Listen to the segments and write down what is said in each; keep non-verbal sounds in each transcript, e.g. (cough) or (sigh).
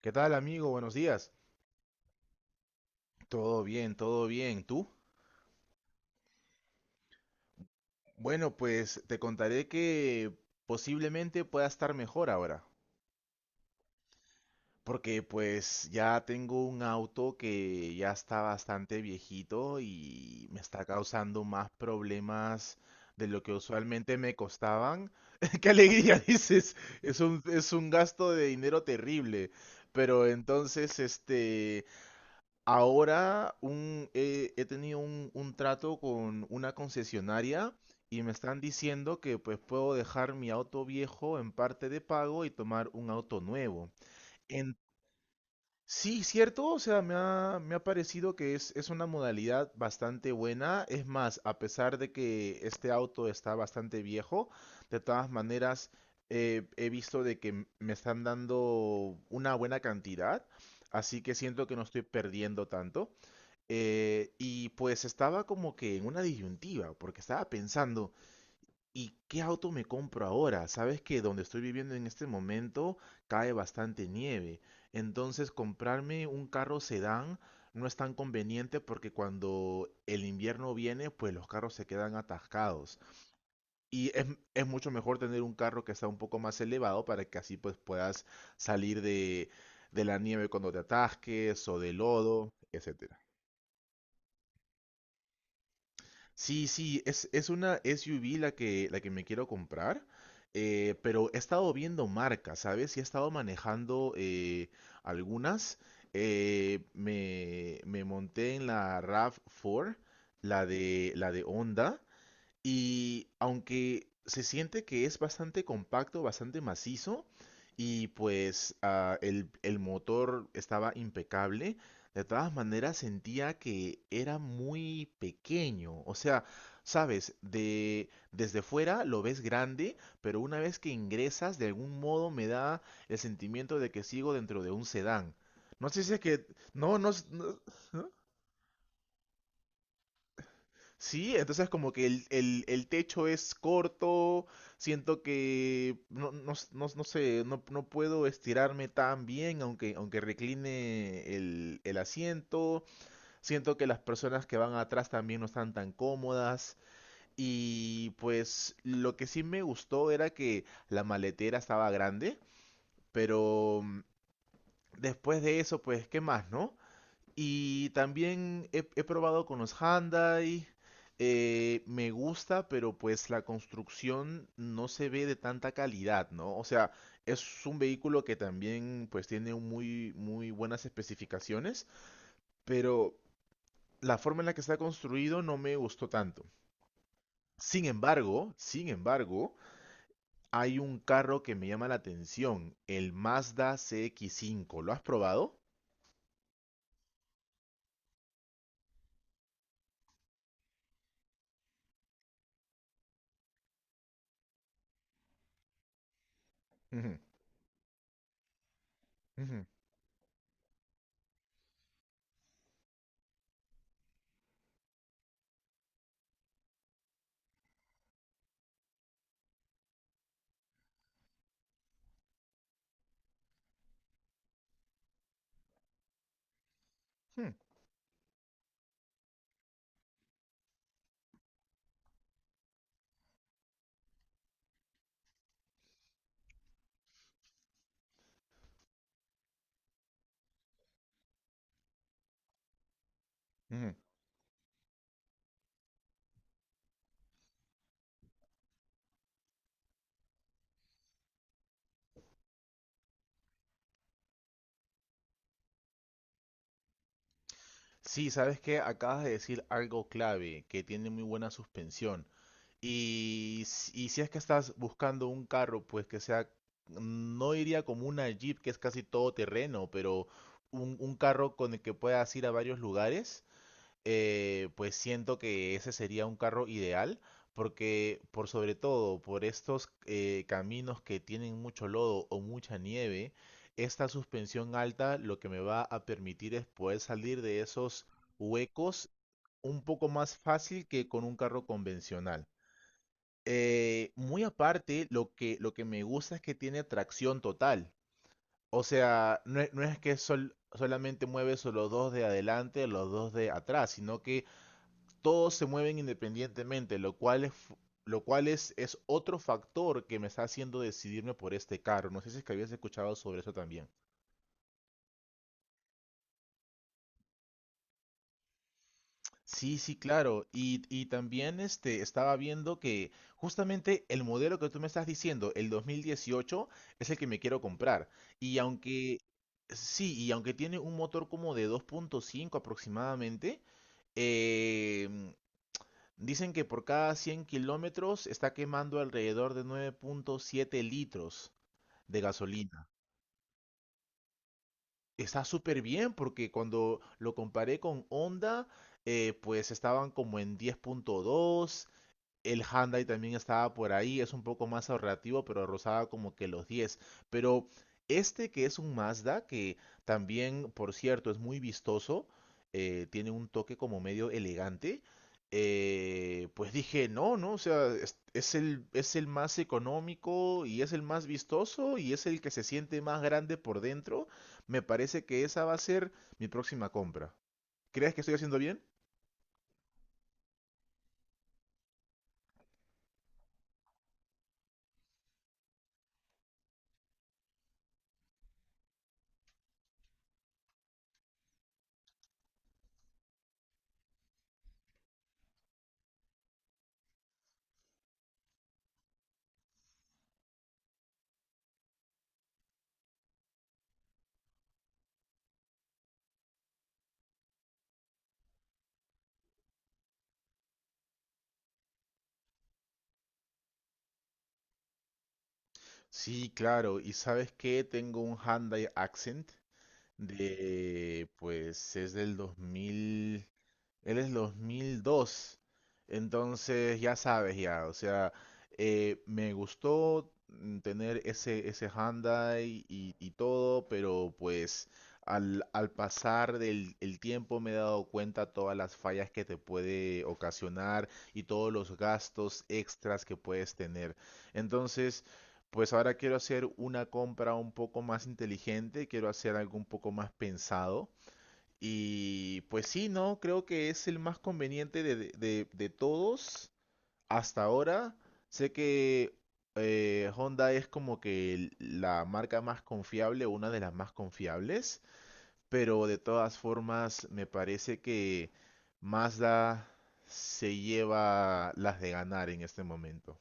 ¿Qué tal, amigo? Buenos días. Todo bien, todo bien. ¿Tú? Bueno, pues te contaré que posiblemente pueda estar mejor ahora, porque pues ya tengo un auto que ya está bastante viejito y me está causando más problemas de lo que usualmente me costaban. (laughs) ¡Qué alegría! Dices, es un gasto de dinero terrible. Pero entonces, ahora he tenido un trato con una concesionaria, y me están diciendo que pues puedo dejar mi auto viejo en parte de pago y tomar un auto nuevo. En, sí, cierto, o sea, me ha parecido que es una modalidad bastante buena. Es más, a pesar de que este auto está bastante viejo, de todas maneras he visto de que me están dando una buena cantidad, así que siento que no estoy perdiendo tanto. Y pues estaba como que en una disyuntiva, porque estaba pensando, ¿y qué auto me compro ahora? Sabes que donde estoy viviendo en este momento cae bastante nieve, entonces comprarme un carro sedán no es tan conveniente porque cuando el invierno viene, pues los carros se quedan atascados. Y es, es mucho mejor tener un carro que está un poco más elevado para que así pues puedas salir de la nieve cuando te atasques o de lodo, etc. Sí, sí, es una SUV la que me quiero comprar, pero he estado viendo marcas, ¿sabes? Y he estado manejando algunas. Me monté en la RAV4, la de Honda, y aunque se siente que es bastante compacto, bastante macizo, y pues el motor estaba impecable, de todas maneras sentía que era muy pequeño. O sea, sabes, desde fuera lo ves grande, pero una vez que ingresas, de algún modo me da el sentimiento de que sigo dentro de un sedán. No sé si es que... No, no, no. Sí, entonces como que el techo es corto, siento que no, no, no puedo estirarme tan bien aunque, aunque recline el asiento, siento que las personas que van atrás también no están tan cómodas, y pues lo que sí me gustó era que la maletera estaba grande, pero mm, después de eso pues, ¿qué más, no? Y también he probado con los Hyundai. Me gusta, pero pues la construcción no se ve de tanta calidad, ¿no? O sea, es un vehículo que también pues tiene un muy, muy buenas especificaciones, pero la forma en la que está construido no me gustó tanto. Sin embargo, hay un carro que me llama la atención, el Mazda CX-5. ¿Lo has probado? Ujú, ujú, ujú, ujú. Sí, sabes que acabas de decir algo clave, que tiene muy buena suspensión. Y si es que estás buscando un carro, pues que sea, no diría como una Jeep, que es casi todo terreno, pero un carro con el que puedas ir a varios lugares, pues siento que ese sería un carro ideal, porque por sobre todo por estos caminos que tienen mucho lodo o mucha nieve, esta suspensión alta lo que me va a permitir es poder salir de esos huecos un poco más fácil que con un carro convencional. Muy aparte, lo que me gusta es que tiene tracción total. O sea, no, es no es que solamente mueves los dos de adelante o los dos de atrás, sino que todos se mueven independientemente, lo cual es otro factor que me está haciendo decidirme por este carro. No sé si es que habías escuchado sobre eso también. Sí, sí, claro. Y también este, estaba viendo que justamente el modelo que tú me estás diciendo, el 2018, es el que me quiero comprar. Y aunque, sí, y aunque tiene un motor como de 2.5 aproximadamente, em, dicen que por cada 100 kilómetros está quemando alrededor de 9.7 litros de gasolina. Está súper bien porque cuando lo comparé con Honda, pues estaban como en 10.2, el Hyundai también estaba por ahí, es un poco más ahorrativo, pero rozaba como que los diez. Pero este que es un Mazda, que también, por cierto, es muy vistoso, tiene un toque como medio elegante, pues dije, no, no, o sea, es el más económico y es el más vistoso y es el que se siente más grande por dentro. Me parece que esa va a ser mi próxima compra. ¿Crees que estoy haciendo bien? Sí, claro. ¿Y sabes qué? Tengo un Hyundai Accent de, pues es del 2000 él es 2002. Entonces, ya sabes, ya. O sea, me gustó mm, tener ese Hyundai y todo, pero pues al pasar del el tiempo me he dado cuenta todas las fallas que te puede ocasionar y todos los gastos extras que puedes tener. Entonces, pues ahora quiero hacer una compra un poco más inteligente, quiero hacer algo un poco más pensado, y pues sí, ¿no? Creo que es el más conveniente de todos hasta ahora. Sé que Honda es como que la marca más confiable, una de las más confiables, pero de todas formas me parece que Mazda se lleva las de ganar en este momento.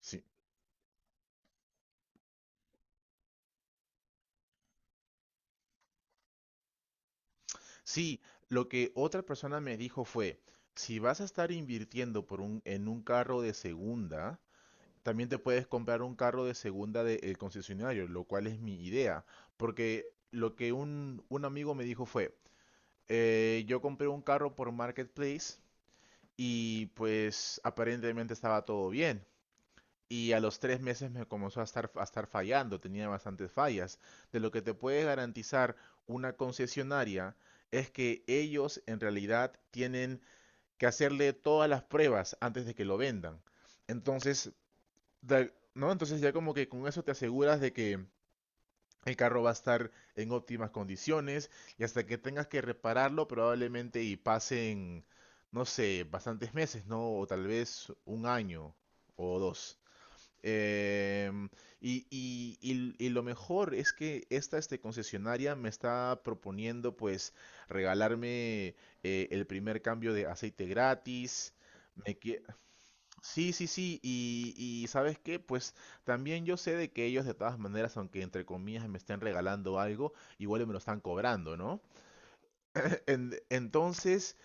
Sí. Sí, lo que otra persona me dijo fue, si vas a estar invirtiendo por un, en un carro de segunda, también te puedes comprar un carro de segunda del concesionario, lo cual es mi idea, porque lo que un amigo me dijo fue, yo compré un carro por Marketplace y pues aparentemente estaba todo bien. Y a los 3 meses me comenzó a estar fallando, tenía bastantes fallas. De lo que te puede garantizar una concesionaria es que ellos en realidad tienen que hacerle todas las pruebas antes de que lo vendan. Entonces, ¿no? Entonces ya como que con eso te aseguras de que el carro va a estar en óptimas condiciones y hasta que tengas que repararlo probablemente y pasen, no sé, bastantes meses, ¿no? O tal vez un año o dos. Em, y lo mejor es que esta concesionaria me está proponiendo pues regalarme el primer cambio de aceite gratis. Me, qui- Sí, sí, sí, y ¿sabes qué? Pues también yo sé de que ellos de todas maneras, aunque entre comillas me estén regalando algo, igual me lo están cobrando, ¿no? (laughs) Entonces,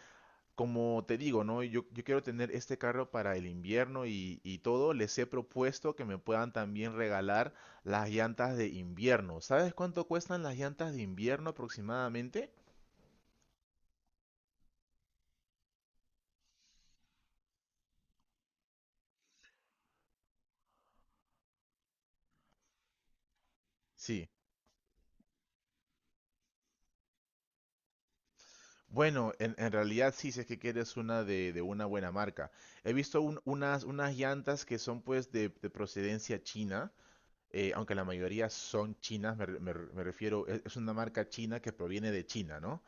como te digo, ¿no? Yo quiero tener este carro para el invierno y todo, les he propuesto que me puedan también regalar las llantas de invierno. ¿Sabes cuánto cuestan las llantas de invierno aproximadamente? Sí. Bueno, en realidad sí, si es que quieres una de una buena marca. He visto unas llantas que son pues de procedencia china, aunque la mayoría son chinas, me refiero, es una marca china que proviene de China, ¿no?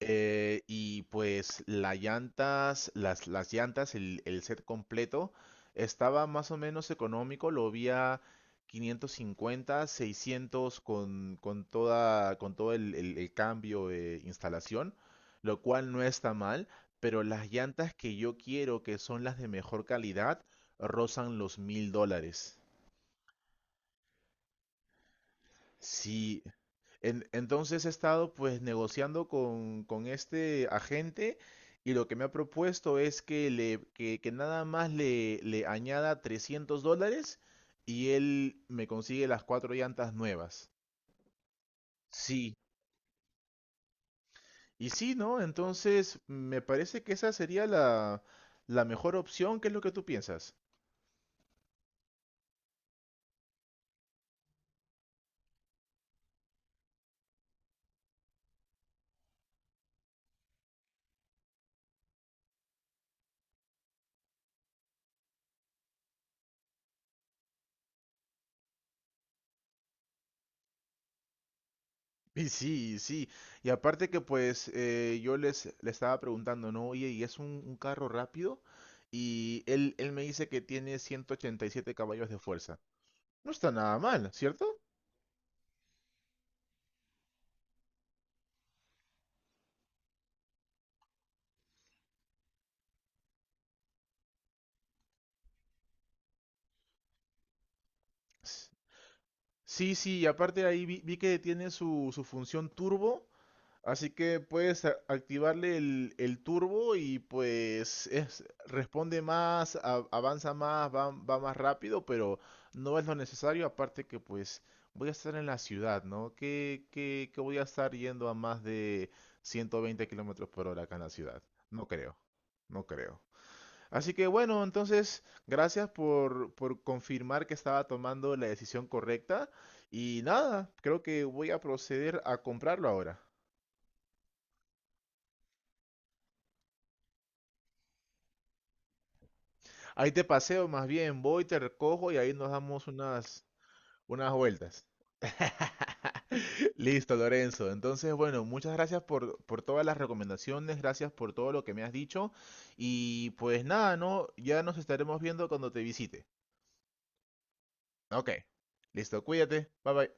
Y pues las llantas, las llantas, el set completo estaba más o menos económico, lo vi a 550, 600 con toda, con todo el cambio de instalación, lo cual no está mal, pero las llantas que yo quiero, que son las de mejor calidad, rozan los $1,000. Sí, En- entonces he estado pues negociando con este agente, y lo que me ha propuesto es que, le, que nada más le añada $300 y él me consigue las cuatro llantas nuevas. Sí, y sí, ¿no? Entonces me parece que esa sería la, la mejor opción. ¿Qué es lo que tú piensas? Y sí, y sí. Y aparte que pues le estaba preguntando, ¿no? Oye, ¿y es un carro rápido? Y él me dice que tiene 187 caballos de fuerza. No está nada mal, ¿cierto? Sí, sí, y aparte ahí vi que tiene su función turbo, así que puedes activarle el turbo y pues es, responde más, avanza más, va más rápido, pero no es lo necesario, aparte que pues voy a estar en la ciudad, ¿no? Que voy a estar yendo a más de 120 kilómetros por hora acá en la ciudad. No creo, no creo. Así que bueno, entonces, gracias por confirmar que estaba tomando la decisión correcta. Y nada, creo que voy a proceder a comprarlo ahora. Ahí te paseo, más bien, voy, te recojo y ahí nos damos unas, unas vueltas. (laughs) Listo, Lorenzo. Entonces, bueno, muchas gracias por todas las recomendaciones, gracias por todo lo que me has dicho. Y pues nada, ¿no? Ya nos estaremos viendo cuando te visite. Ok. Listo, cuídate. Bye bye.